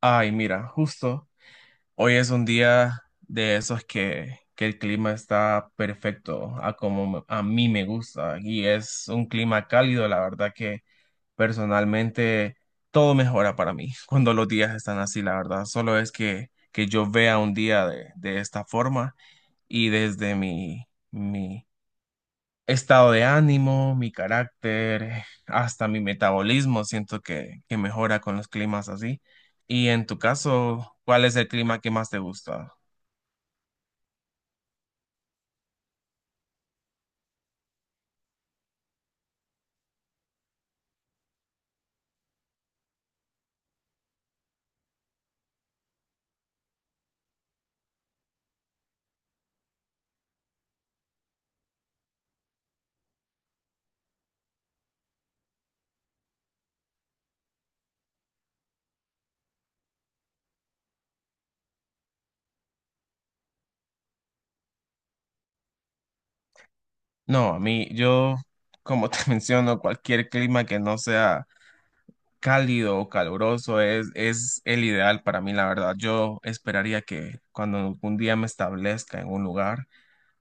Ay, mira, justo hoy es un día de esos que el clima está perfecto a mí me gusta y es un clima cálido, la verdad que personalmente todo mejora para mí cuando los días están así, la verdad. Solo es que yo vea un día de esta forma y desde mi, estado de ánimo, mi carácter, hasta mi metabolismo, siento que mejora con los climas así. Y en tu caso, ¿cuál es el clima que más te gusta? No, a mí, yo, como te menciono, cualquier clima que no sea cálido o caluroso es el ideal para mí, la verdad. Yo esperaría que cuando un día me establezca en un lugar,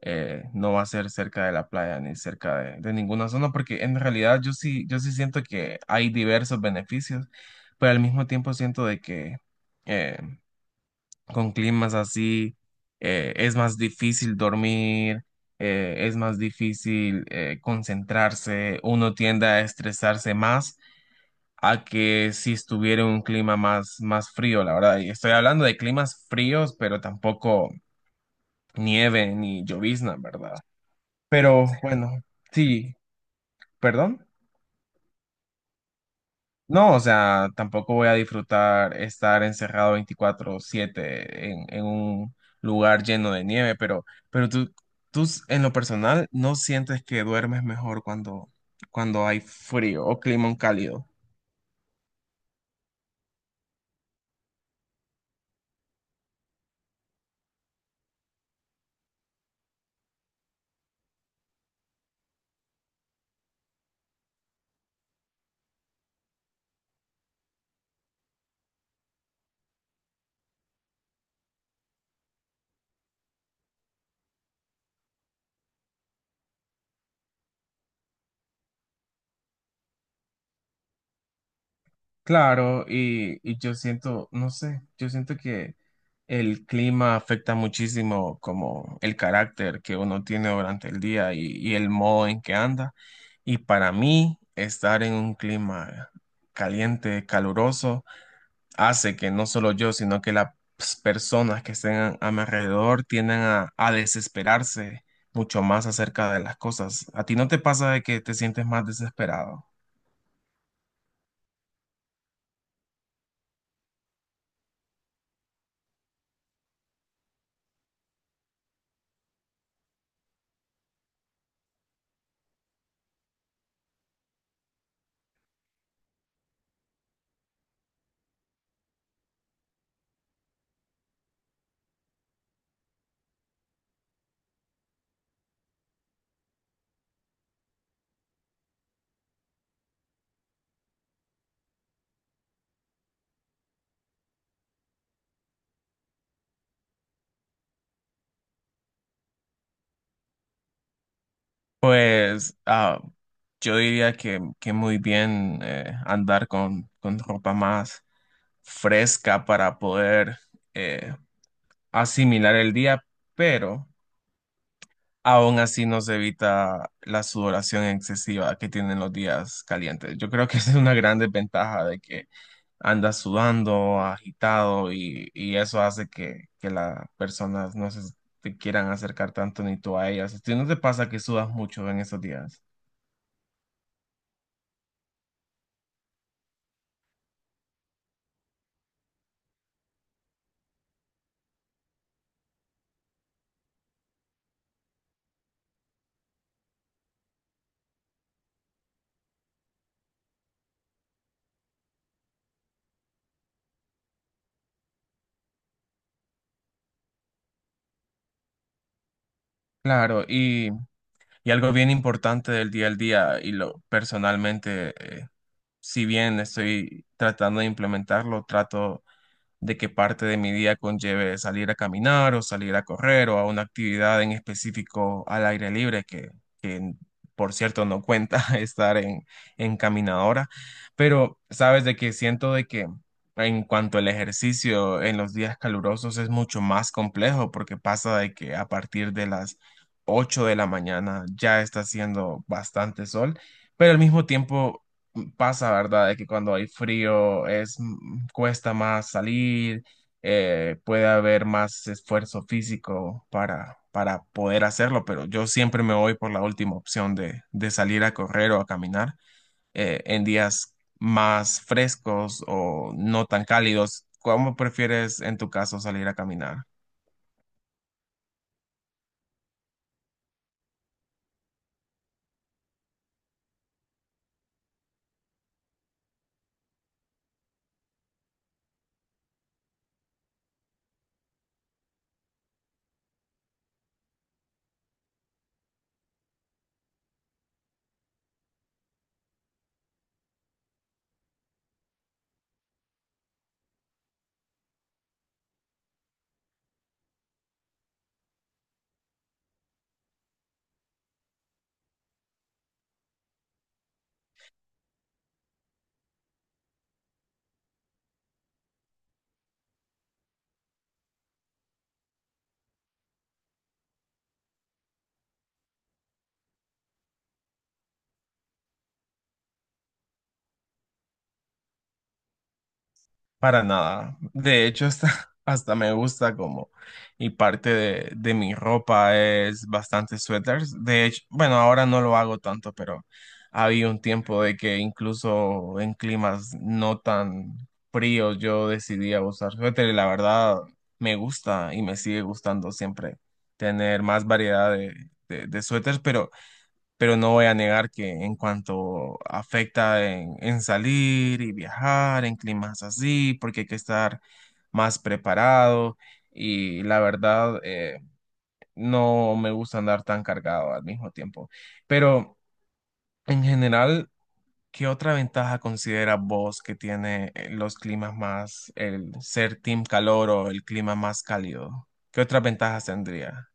no va a ser cerca de la playa ni cerca de ninguna zona, porque en realidad yo sí siento que hay diversos beneficios, pero al mismo tiempo siento de que eh, con climas así es más difícil dormir, es más difícil concentrarse, uno tiende a estresarse más. A que si estuviera un clima más frío, la verdad. Y estoy hablando de climas fríos, pero tampoco nieve ni llovizna, ¿verdad? Pero bueno, sí, perdón. No, o sea, tampoco voy a disfrutar estar encerrado 24/7 en un lugar lleno de nieve, pero, pero tú, en lo personal no sientes que duermes mejor cuando, cuando hay frío o clima cálido. Claro, y yo siento, no sé, yo siento que el clima afecta muchísimo como el carácter que uno tiene durante el día y el modo en que anda. Y para mí, estar en un clima caliente, caluroso, hace que no solo yo, sino que las personas que estén a mi alrededor tienden a desesperarse mucho más acerca de las cosas. ¿A ti no te pasa de que te sientes más desesperado? Pues ah, yo diría que muy bien andar con ropa más fresca para poder eh, asimilar el día, pero aún así nos evita la sudoración excesiva que tienen los días calientes. Yo creo que esa es una gran desventaja de que andas sudando, agitado y eso hace que las personas no se te quieran acercar tanto ni tú a ellas. ¿A ti no te pasa que sudas mucho en esos días? Claro, y algo bien importante del día al día, y lo personalmente, eh, si bien estoy tratando de implementarlo, trato de que parte de mi día conlleve salir a caminar o salir a correr o a una actividad en específico al aire libre, que, por cierto no cuenta estar en caminadora, pero sabes de que siento de que en cuanto al ejercicio en los días calurosos es mucho más complejo porque pasa de que a partir de las 8 de la mañana ya está haciendo bastante sol, pero al mismo tiempo pasa, ¿verdad? De que cuando hay frío es cuesta más salir, puede haber más esfuerzo físico para poder hacerlo, pero yo siempre me voy por la última opción de salir a correr o a caminar en días más frescos o no tan cálidos. ¿Cómo prefieres en tu caso salir a caminar? Para nada. De hecho, hasta, hasta me gusta como, y parte de mi ropa es bastante suéteres. De hecho, bueno, ahora no lo hago tanto, pero había un tiempo de que incluso en climas no tan fríos yo decidía usar suéter y la verdad me gusta y me sigue gustando siempre tener más variedad de suéteres, pero no voy a negar que en cuanto afecta en salir y viajar en climas así, porque hay que estar más preparado y la verdad no me gusta andar tan cargado al mismo tiempo. Pero en general, ¿qué otra ventaja considera vos que tiene los climas más, el ser team calor o el clima más cálido? ¿Qué otras ventajas tendría?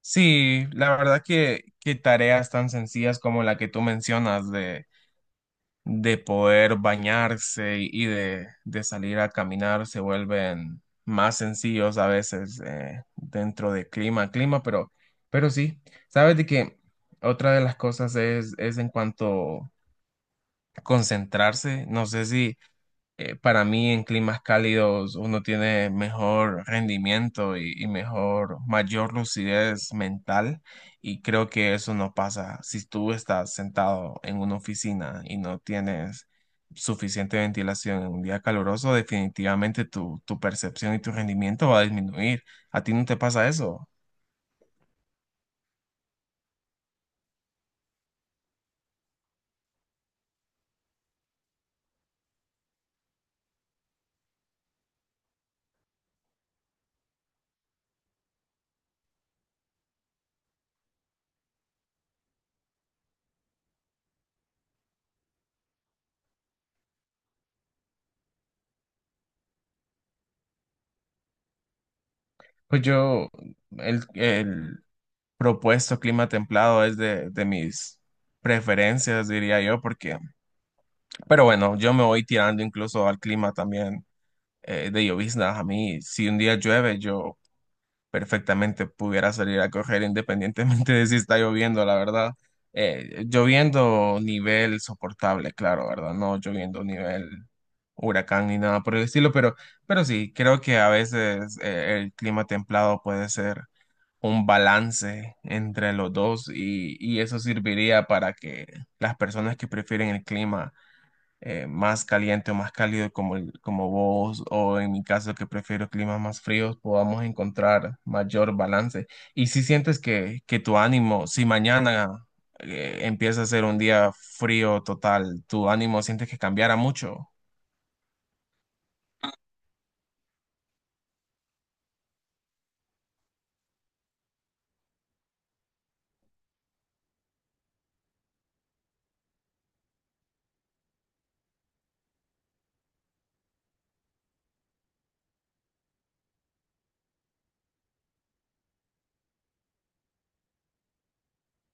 Sí, la verdad que tareas tan sencillas como la que tú mencionas de poder bañarse y de salir a caminar se vuelven más sencillos a veces dentro de clima a clima, pero sí, sabes de que otra de las cosas es en cuanto a concentrarse, no sé si para mí en climas cálidos uno tiene mejor rendimiento y mejor, mayor lucidez mental y creo que eso no pasa si tú estás sentado en una oficina y no tienes suficiente ventilación en un día caluroso, definitivamente tu, tu percepción y tu rendimiento va a disminuir. ¿A ti no te pasa eso? Pues yo, el propuesto clima templado es de mis preferencias, diría yo, porque. Pero bueno, yo me voy tirando incluso al clima también de lloviznas. A mí, si un día llueve, yo perfectamente pudiera salir a correr independientemente de si está lloviendo, la verdad. Lloviendo nivel soportable, claro, ¿verdad? No lloviendo nivel huracán ni nada por el estilo, pero sí, creo que a veces el clima templado puede ser un balance entre los dos y eso serviría para que las personas que prefieren el clima más caliente o más cálido como, como vos o en mi caso que prefiero climas más fríos, podamos encontrar mayor balance. Y si sientes que tu ánimo, si mañana empieza a ser un día frío total, tu ánimo sientes que cambiara mucho.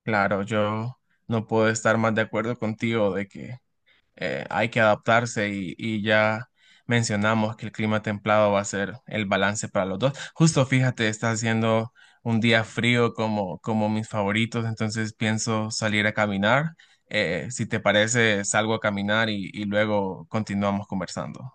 Claro, yo no puedo estar más de acuerdo contigo de que hay que adaptarse y ya mencionamos que el clima templado va a ser el balance para los dos. Justo fíjate, está haciendo un día frío como, como mis favoritos, entonces pienso salir a caminar. Si te parece, salgo a caminar y luego continuamos conversando.